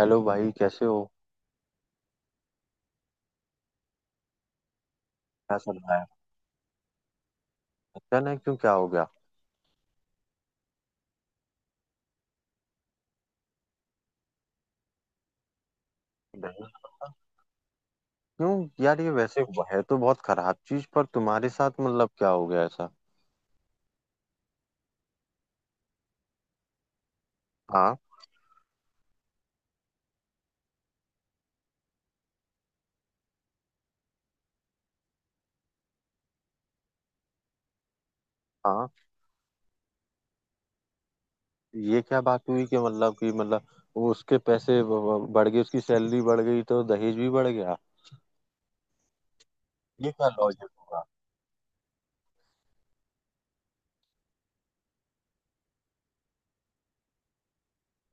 Hello भाई, कैसे हो? क्या चल रहा है? अच्छा? ना क्यों, क्या हो गया? नहीं, क्यों यार, ये वैसे हुआ है तो बहुत खराब चीज पर तुम्हारे साथ मतलब क्या हो गया ऐसा? हाँ। हाँ, ये क्या बात हुई कि मतलब वो उसके पैसे बढ़ गए, उसकी सैलरी बढ़ गई तो दहेज भी बढ़ गया? ये क्या लॉजिक होगा?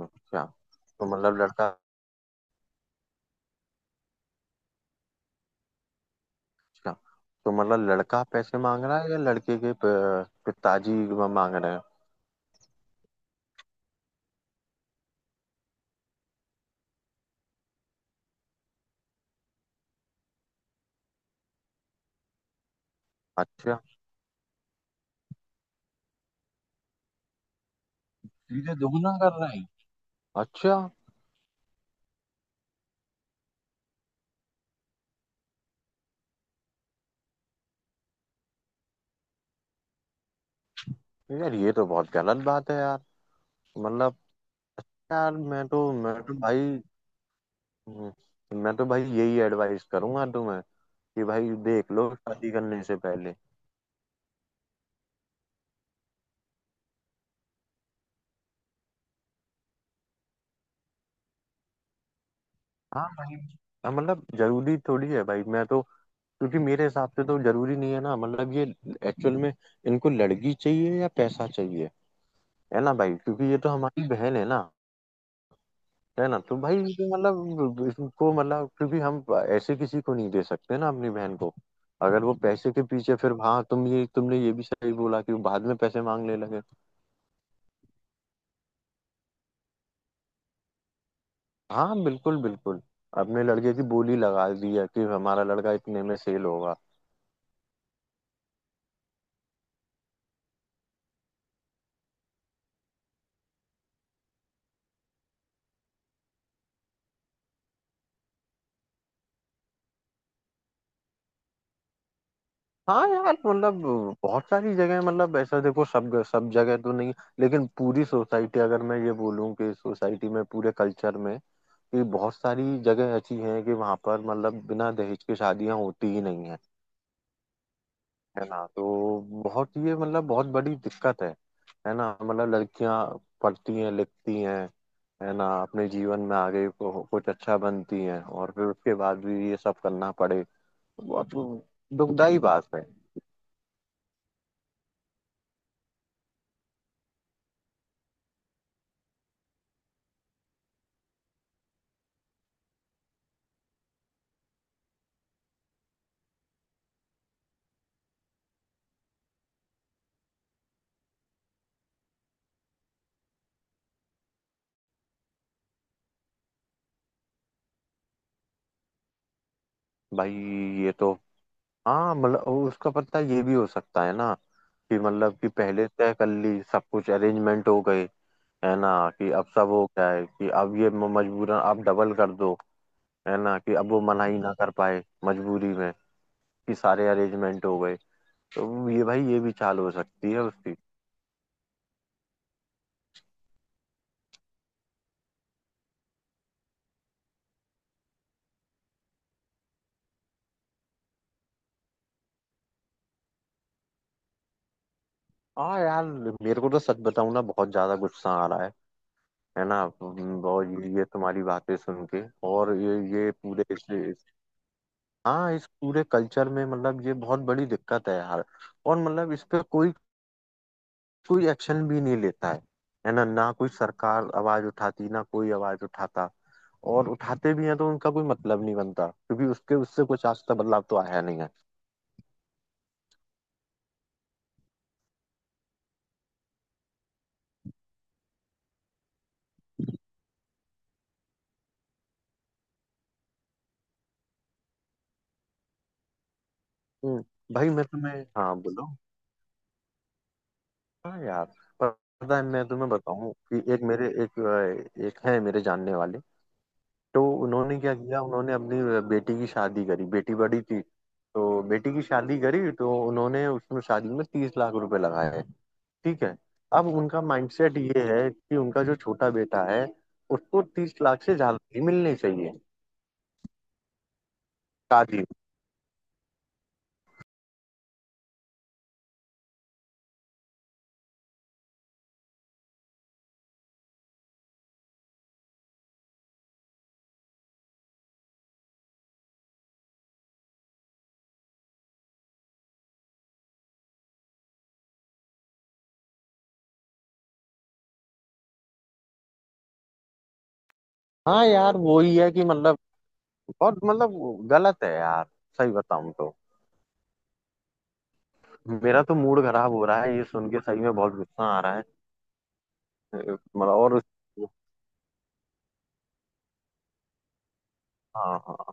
अच्छा, तो मतलब लड़का। अच्छा, तो मतलब लड़का पैसे मांग रहा है या लड़के के पिताजी मांग रहे हैं? अच्छा। सीधे दुगना कर रहे हैं? अच्छा। यार ये तो बहुत गलत बात है यार। मतलब। यार मैं तो भाई। हम्म, मैं तो भाई यही एडवाइस करूंगा तुम्हें कि भाई देख लो शादी करने से पहले। हाँ भाई। हाँ, मतलब जरूरी थोड़ी है भाई, मैं तो। क्योंकि मेरे हिसाब से तो जरूरी नहीं है ना, मतलब ये एक्चुअल में इनको लड़की चाहिए या पैसा चाहिए? है ना भाई, क्योंकि ये तो हमारी बहन है ना। है ना, तो भाई ये तो मतलब इसको मतलब क्योंकि हम ऐसे किसी को नहीं दे सकते ना अपनी बहन को। अगर वो पैसे के पीछे, फिर, हाँ तुम ये, तुमने ये भी सही बोला कि वो बाद में पैसे मांगने लगे। हाँ, बिल्कुल बिल्कुल। अपने लड़के की बोली लगा दी है कि हमारा लड़का इतने में सेल होगा। हाँ यार, मतलब बहुत सारी जगह, मतलब ऐसा देखो, सब सब जगह तो नहीं, लेकिन पूरी सोसाइटी, अगर मैं ये बोलूँ कि सोसाइटी में पूरे कल्चर में, कि बहुत सारी जगह ऐसी हैं कि वहाँ पर मतलब बिना दहेज के शादियाँ होती ही नहीं है। है ना, तो बहुत ये मतलब बहुत बड़ी दिक्कत है। है ना मतलब, लड़कियां पढ़ती हैं, लिखती हैं, है ना, अपने जीवन में आगे को कुछ अच्छा बनती हैं, और फिर उसके बाद भी ये सब करना पड़े। बहुत दुखदाई बात है। भाई ये तो। हाँ, मतलब उसका पता, ये भी हो सकता है ना कि मतलब कि पहले तय कर ली, सब कुछ अरेंजमेंट हो गए, है ना, कि अब सब हो गया है, कि अब ये मजबूरन आप डबल कर दो, है ना, कि अब वो मना ही ना कर पाए मजबूरी में, कि सारे अरेंजमेंट हो गए। तो ये भाई, ये भी चाल हो सकती है उसकी। हाँ यार, मेरे को तो सच बताऊं ना, बहुत ज्यादा गुस्सा आ रहा है। है ना। और ये तुम्हारी बातें सुन के। और ये पूरे हाँ, इस पूरे कल्चर में, मतलब ये बहुत बड़ी दिक्कत है यार। और मतलब इस पे कोई कोई एक्शन भी नहीं लेता है। है ना, ना कोई सरकार आवाज उठाती, ना कोई आवाज उठाता, और उठाते भी हैं तो उनका कोई मतलब नहीं बनता, क्योंकि उसके उससे कुछ आज तक बदलाव तो आया नहीं है। हम्म, भाई मैं तुम्हें, हाँ बोलो। हाँ यार, पर पता है, मैं तुम्हें बताऊं कि एक मेरे एक एक है मेरे जानने वाले। तो उन्होंने क्या किया, उन्होंने अपनी बेटी की शादी करी, बेटी बड़ी थी तो बेटी की शादी करी, तो उन्होंने उसमें, शादी में 30 लाख रुपए लगाए। ठीक है। अब उनका माइंडसेट ये है कि उनका जो छोटा बेटा है, उसको 30 लाख से ज्यादा ही मिलने चाहिए शादी में। हाँ यार, वही है कि मतलब बहुत मतलब गलत है यार। सही बताऊं तो मेरा तो मूड खराब हो रहा है ये सुन के, सही में बहुत गुस्सा आ रहा है। मतलब, और हाँ हाँ।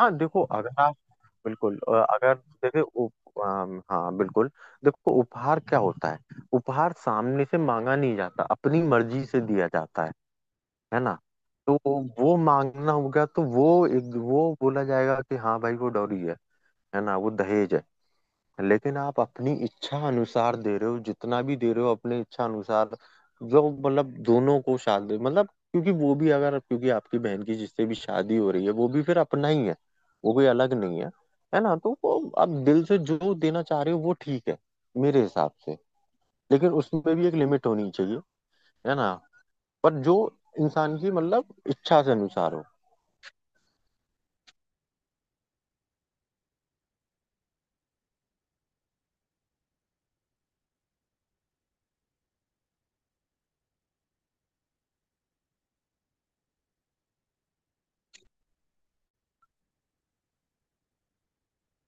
हाँ देखो, अगर आप, बिल्कुल। अगर जैसे हाँ, बिल्कुल। देखो उपहार क्या होता है? उपहार सामने से मांगा नहीं जाता, अपनी मर्जी से दिया जाता है। है ना। तो वो मांगना होगा तो वो, एक, वो बोला जाएगा कि हाँ भाई, वो डौरी है ना, वो दहेज है। लेकिन आप अपनी इच्छा अनुसार दे रहे हो, जितना भी दे रहे हो अपने इच्छा अनुसार, जो मतलब दोनों को शादी मतलब, क्योंकि वो भी, अगर, क्योंकि आपकी बहन की जिससे भी शादी हो रही है वो भी फिर अपना ही है, वो कोई अलग नहीं है। है ना, तो वो आप दिल से जो देना चाह रहे हो वो ठीक है, मेरे हिसाब से। लेकिन उसमें भी एक लिमिट होनी चाहिए, है ना, पर जो इंसान की मतलब इच्छा से अनुसार हो।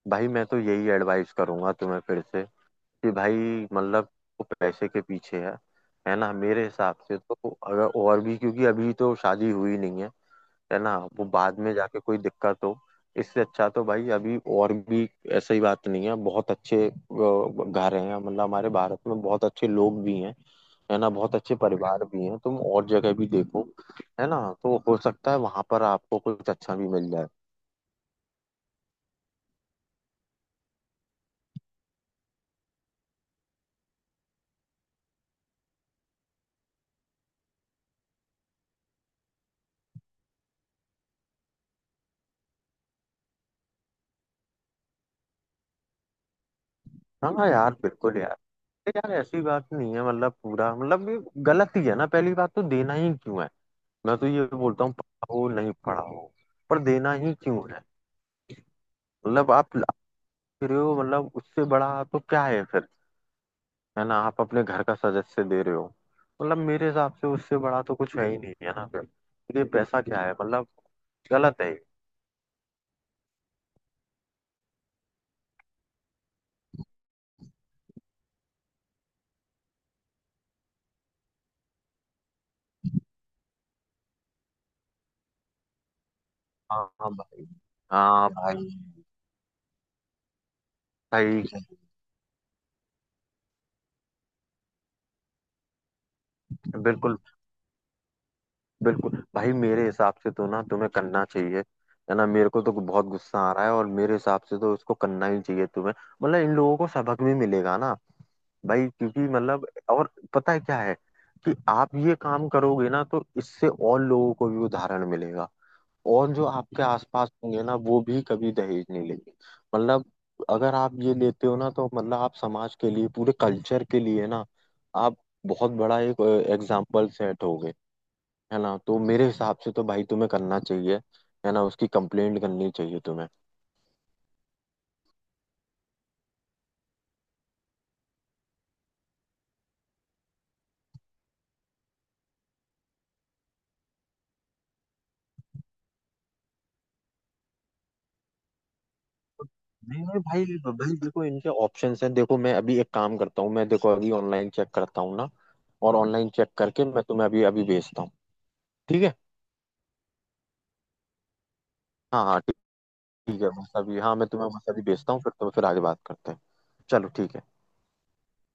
भाई मैं तो यही एडवाइस करूंगा तुम्हें फिर से, कि भाई मतलब वो पैसे के पीछे है ना। मेरे हिसाब से तो अगर, और भी क्योंकि अभी तो शादी हुई नहीं है, है ना, वो बाद में जाके कोई दिक्कत हो। इससे अच्छा तो भाई अभी, और भी, ऐसी बात नहीं है, बहुत अच्छे घर हैं, मतलब हमारे भारत में बहुत अच्छे लोग भी हैं, है ना, बहुत अच्छे परिवार भी हैं। तुम और जगह भी देखो, है ना, तो हो सकता है वहां पर आपको कुछ अच्छा भी मिल जाए। हाँ हाँ यार, बिल्कुल यार। अरे यार, ऐसी बात नहीं है, मतलब पूरा मतलब ये गलत ही है ना, पहली बात तो देना ही क्यों है? मैं तो ये बोलता हूँ पढ़ा हो, नहीं पढ़ा हो, पर देना ही क्यों है? मतलब आप ला रहे हो, मतलब उससे बड़ा तो क्या है फिर? है ना, आप अपने घर का सदस्य दे रहे हो। मतलब मेरे हिसाब से उससे बड़ा तो कुछ है ही नहीं, है ना, फिर तो ये पैसा क्या है मतलब? गलत है ये। हाँ हाँ भाई। हाँ भाई, सही। बिल्कुल बिल्कुल भाई, मेरे हिसाब से तो ना तुम्हें करना चाहिए, है ना। मेरे को तो बहुत गुस्सा आ रहा है, और मेरे हिसाब से तो इसको करना ही चाहिए तुम्हें। मतलब इन लोगों को सबक भी मिलेगा ना भाई, क्योंकि मतलब, और पता है क्या है, कि आप ये काम करोगे ना तो इससे और लोगों को भी उदाहरण मिलेगा, और जो आपके आसपास होंगे ना वो भी कभी दहेज नहीं लेंगे। मतलब अगर आप ये लेते हो ना, तो मतलब आप समाज के लिए, पूरे कल्चर के लिए ना, आप बहुत बड़ा एक एग्जाम्पल सेट हो गए। है ना, तो मेरे हिसाब से तो भाई तुम्हें करना चाहिए, है ना, उसकी कंप्लेंट करनी चाहिए तुम्हें। नहीं नहीं भाई, भाई देखो, इनके ऑप्शंस हैं, देखो मैं अभी एक काम करता हूँ, मैं देखो अभी ऑनलाइन चेक करता हूँ ना, और ऑनलाइन चेक करके मैं तुम्हें अभी अभी भेजता हूँ। ठीक है। हाँ हाँ ठीक। ठीक है, बस अभी। हाँ, मैं तुम्हें बस अभी भेजता हूँ, फिर तुम्हें, फिर आगे बात करते हैं। चलो, ठीक है।